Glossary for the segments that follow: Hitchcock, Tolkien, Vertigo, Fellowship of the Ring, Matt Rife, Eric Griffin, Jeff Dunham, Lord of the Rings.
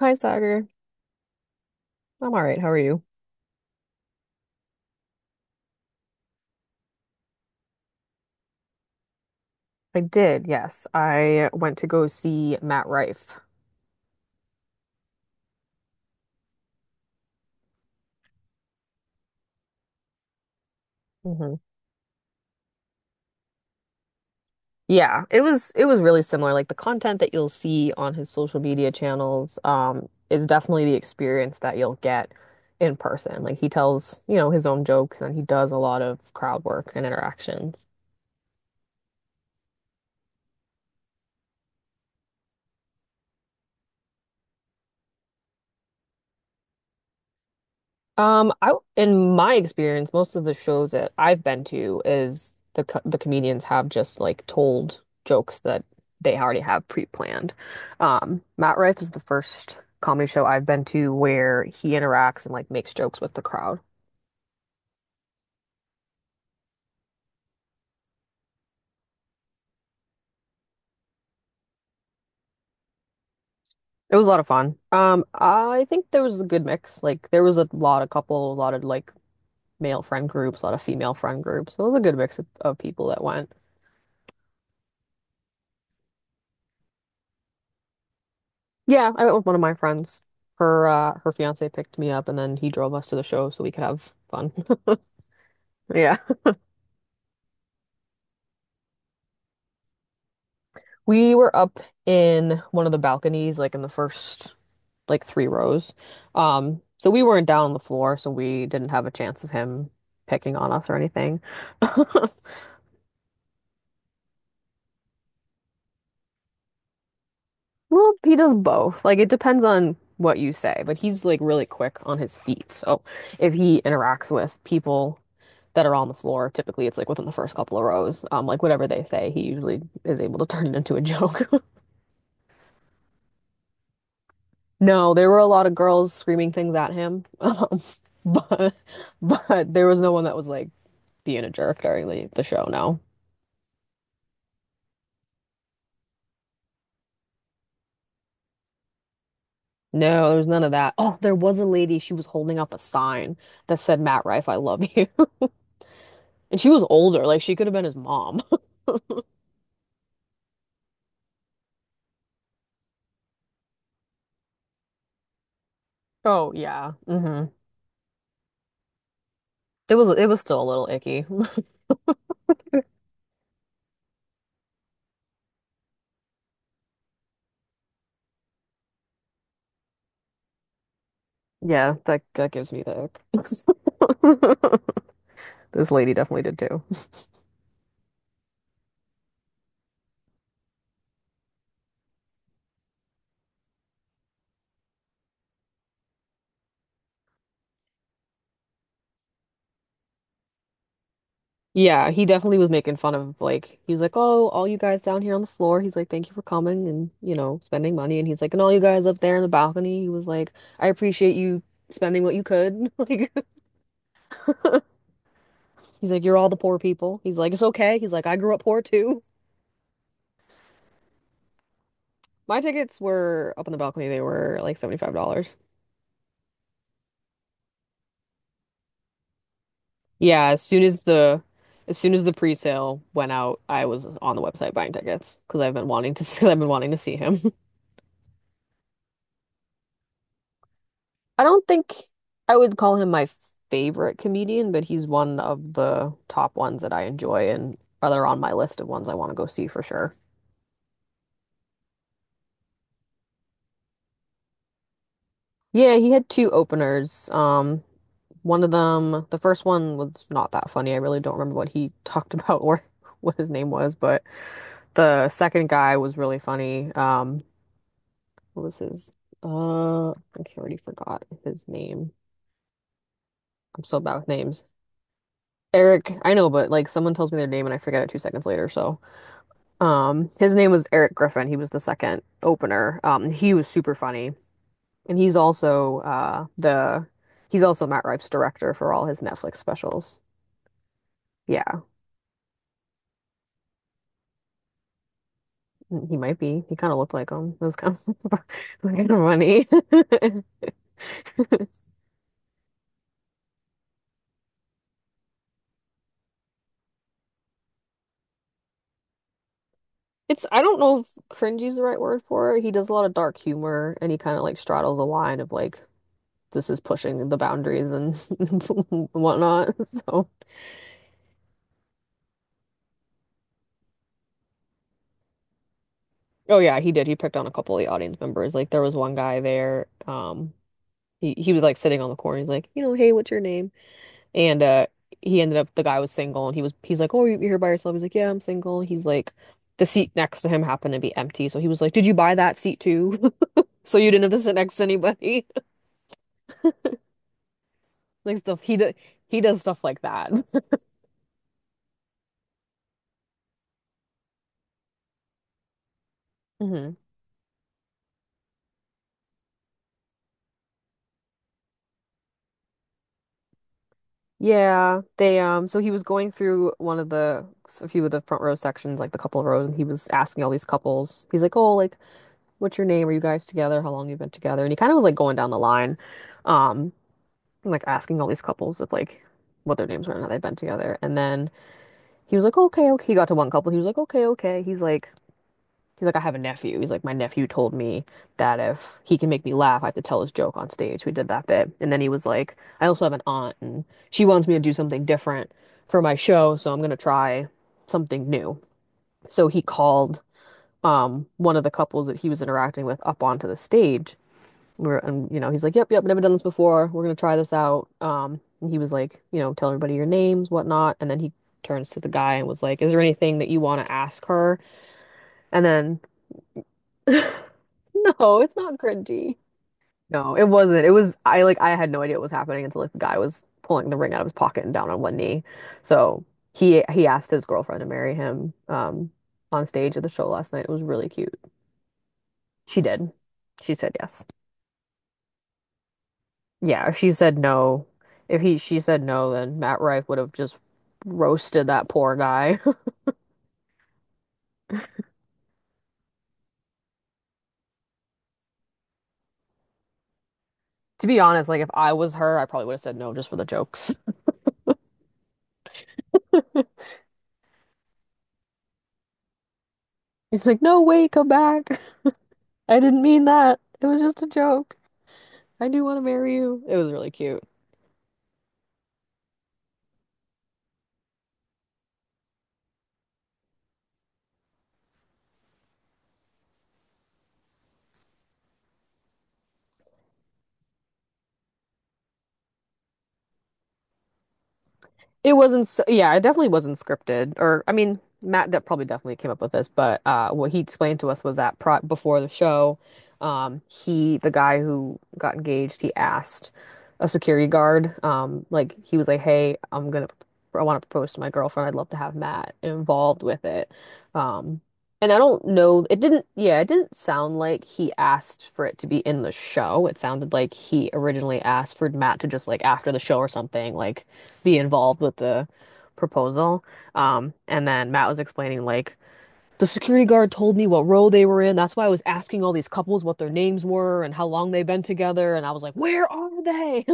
Hi, Sagar. I'm all right. How are you? I did, yes. I went to go see Matt Rife. Hmm. Yeah, it was really similar. Like the content that you'll see on his social media channels, is definitely the experience that you'll get in person. Like he tells, you know, his own jokes and he does a lot of crowd work and interactions. I in my experience, most of the shows that I've been to is the comedians have just like told jokes that they already have pre-planned. Matt Rife is the first comedy show I've been to where he interacts and like makes jokes with the crowd. It was a lot of fun. I think there was a good mix. Like there was a lot of couple, a lot of like male friend groups, a lot of female friend groups. So it was a good mix of people that went. Yeah, I went with one of my friends. Her her fiance picked me up and then he drove us to the show so we could have fun. Yeah. We were up in one of the balconies, like in the first like three rows. So we weren't down on the floor, so we didn't have a chance of him picking on us or anything. Well, he does both. Like it depends on what you say, but he's like really quick on his feet. So if he interacts with people that are on the floor, typically it's like within the first couple of rows. Like whatever they say, he usually is able to turn it into a joke. No, there were a lot of girls screaming things at him. But but there was no one that was like being a jerk during the show, no. No, there was none of that. Oh, there was a lady, she was holding up a sign that said, Matt Rife, I love you. And she was older, like she could have been his mom. Oh yeah. Hmm. It was still a little icky. Yeah, that gives me the ick. This lady definitely did too. Yeah, he definitely was making fun of like he was like, "Oh, all you guys down here on the floor." He's like, "Thank you for coming and, you know, spending money." And he's like, "And all you guys up there in the balcony." He was like, "I appreciate you spending what you could." Like he's like, "You're all the poor people." He's like, "It's okay." He's like, "I grew up poor too." My tickets were up on the balcony. They were like $75. Yeah, as soon as the pre-sale went out, I was on the website buying tickets because I've been wanting to because I've been wanting to see him. I don't think I would call him my favorite comedian, but he's one of the top ones that I enjoy and other on my list of ones I want to go see for sure. Yeah, he had two openers. One of them, the first one was not that funny. I really don't remember what he talked about or what his name was, but the second guy was really funny. What was his? I think I already forgot his name. I'm so bad with names. Eric, I know, but like someone tells me their name and I forget it 2 seconds later, so. His name was Eric Griffin. He was the second opener. He was super funny, and he's also the he's also Matt Rife's director for all his Netflix specials. Yeah, he might be. He kind of looked like him. It was of kind of funny. It's I don't know if cringy is the right word for it. He does a lot of dark humor, and he kind of like straddles the line of like this is pushing the boundaries and whatnot. So. Oh yeah, he did. He picked on a couple of the audience members. Like there was one guy there. He was like sitting on the corner. He's like, you know, hey, what's your name? And he ended up the guy was single, and he's like, oh, you're here by yourself. He's like, yeah, I'm single. He's like, the seat next to him happened to be empty, so he was like, did you buy that seat too? So you didn't have to sit next to anybody. Like stuff he do, he does stuff like that. Hmm. Yeah, they so he was going through one of the a few of the front row sections, like the couple of rows, and he was asking all these couples. He's like, "Oh, like what's your name? Are you guys together? How long you been together?" And he kind of was like going down the line, um, like asking all these couples if like what their names were and how they've been together. And then he was like, He got to one couple. He was like, okay, okay. He's like, I have a nephew. He's like, my nephew told me that if he can make me laugh, I have to tell his joke on stage. We did that bit. And then he was like, I also have an aunt, and she wants me to do something different for my show, so I'm gonna try something new. So he called one of the couples that he was interacting with up onto the stage, we're and you know, he's like, yep, yep, never done this before, we're gonna try this out. And he was like, you know, tell everybody your names, whatnot. And then he turns to the guy and was like, is there anything that you want to ask her? And then no it's not cringy, no it wasn't, it was, I like, I had no idea what was happening until like the guy was pulling the ring out of his pocket and down on one knee. So he asked his girlfriend to marry him, on stage at the show last night. It was really cute. She did, she said yes. Yeah, if she said no, if he she said no, then Matt Rife would have just roasted that poor guy. To be honest, like if I was her, I probably would have said no just for the jokes. He's like, "No, wait, come back. I didn't mean that. It was just a joke. I do want to marry you." It was really cute. It wasn't, s- yeah, it definitely wasn't scripted. Or, I mean, Matt that probably definitely came up with this, but what he explained to us was that pro before the show, the guy who got engaged, he asked a security guard, like he was like, "Hey, I want to propose to my girlfriend. I'd love to have Matt involved with it." Um, and I don't know, it didn't, yeah, it didn't sound like he asked for it to be in the show. It sounded like he originally asked for Matt to just like after the show or something, like be involved with the proposal. And then Matt was explaining like the security guard told me what row they were in. That's why I was asking all these couples what their names were and how long they've been together. And I was like, where are they?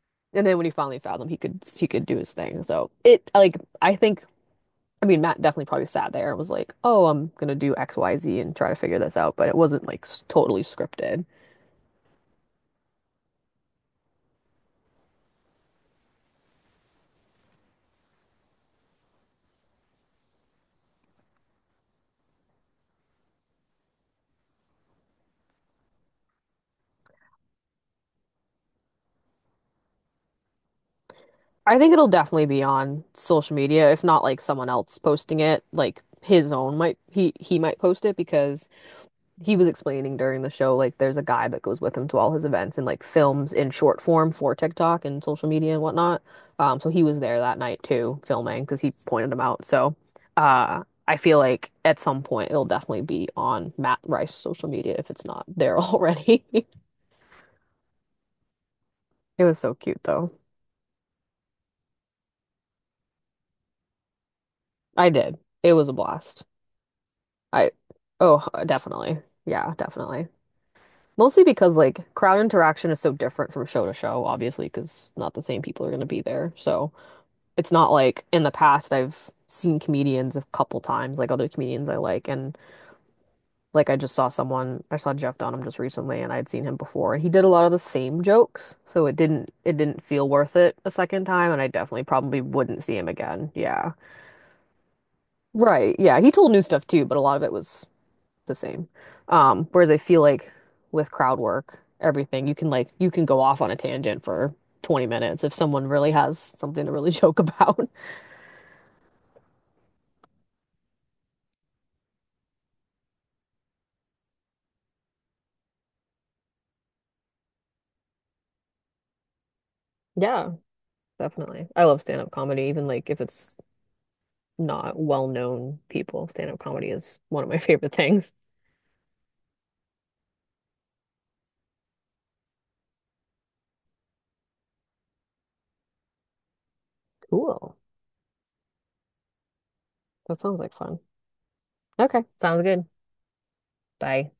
And then when he finally found them, he could do his thing. So it like I think, I mean, Matt definitely probably sat there and was like, oh, I'm gonna do X, Y, Z and try to figure this out. But it wasn't like totally scripted. I think it'll definitely be on social media, if not like someone else posting it, like his own might, he might post it because he was explaining during the show like there's a guy that goes with him to all his events and like films in short form for TikTok and social media and whatnot. So he was there that night too, filming because he pointed him out. So, I feel like at some point it'll definitely be on Matt Rice's social media if it's not there already. It was so cute though. I did. It was a blast. I, oh, definitely. Yeah, definitely. Mostly because like crowd interaction is so different from show to show, obviously, because not the same people are going to be there. So it's not like in the past I've seen comedians a couple times, like other comedians I like. And like I just saw someone, I saw Jeff Dunham just recently and I would seen him before and he did a lot of the same jokes. So it didn't feel worth it a second time. And I definitely probably wouldn't see him again. Yeah. Right. Yeah. He told new stuff too, but a lot of it was the same. Whereas I feel like with crowd work, everything, you can go off on a tangent for 20 minutes if someone really has something to really joke about. Yeah, definitely. I love stand-up comedy, even like if it's not well-known people. Stand-up comedy is one of my favorite things. Cool. That sounds like fun. Okay, sounds good. Bye.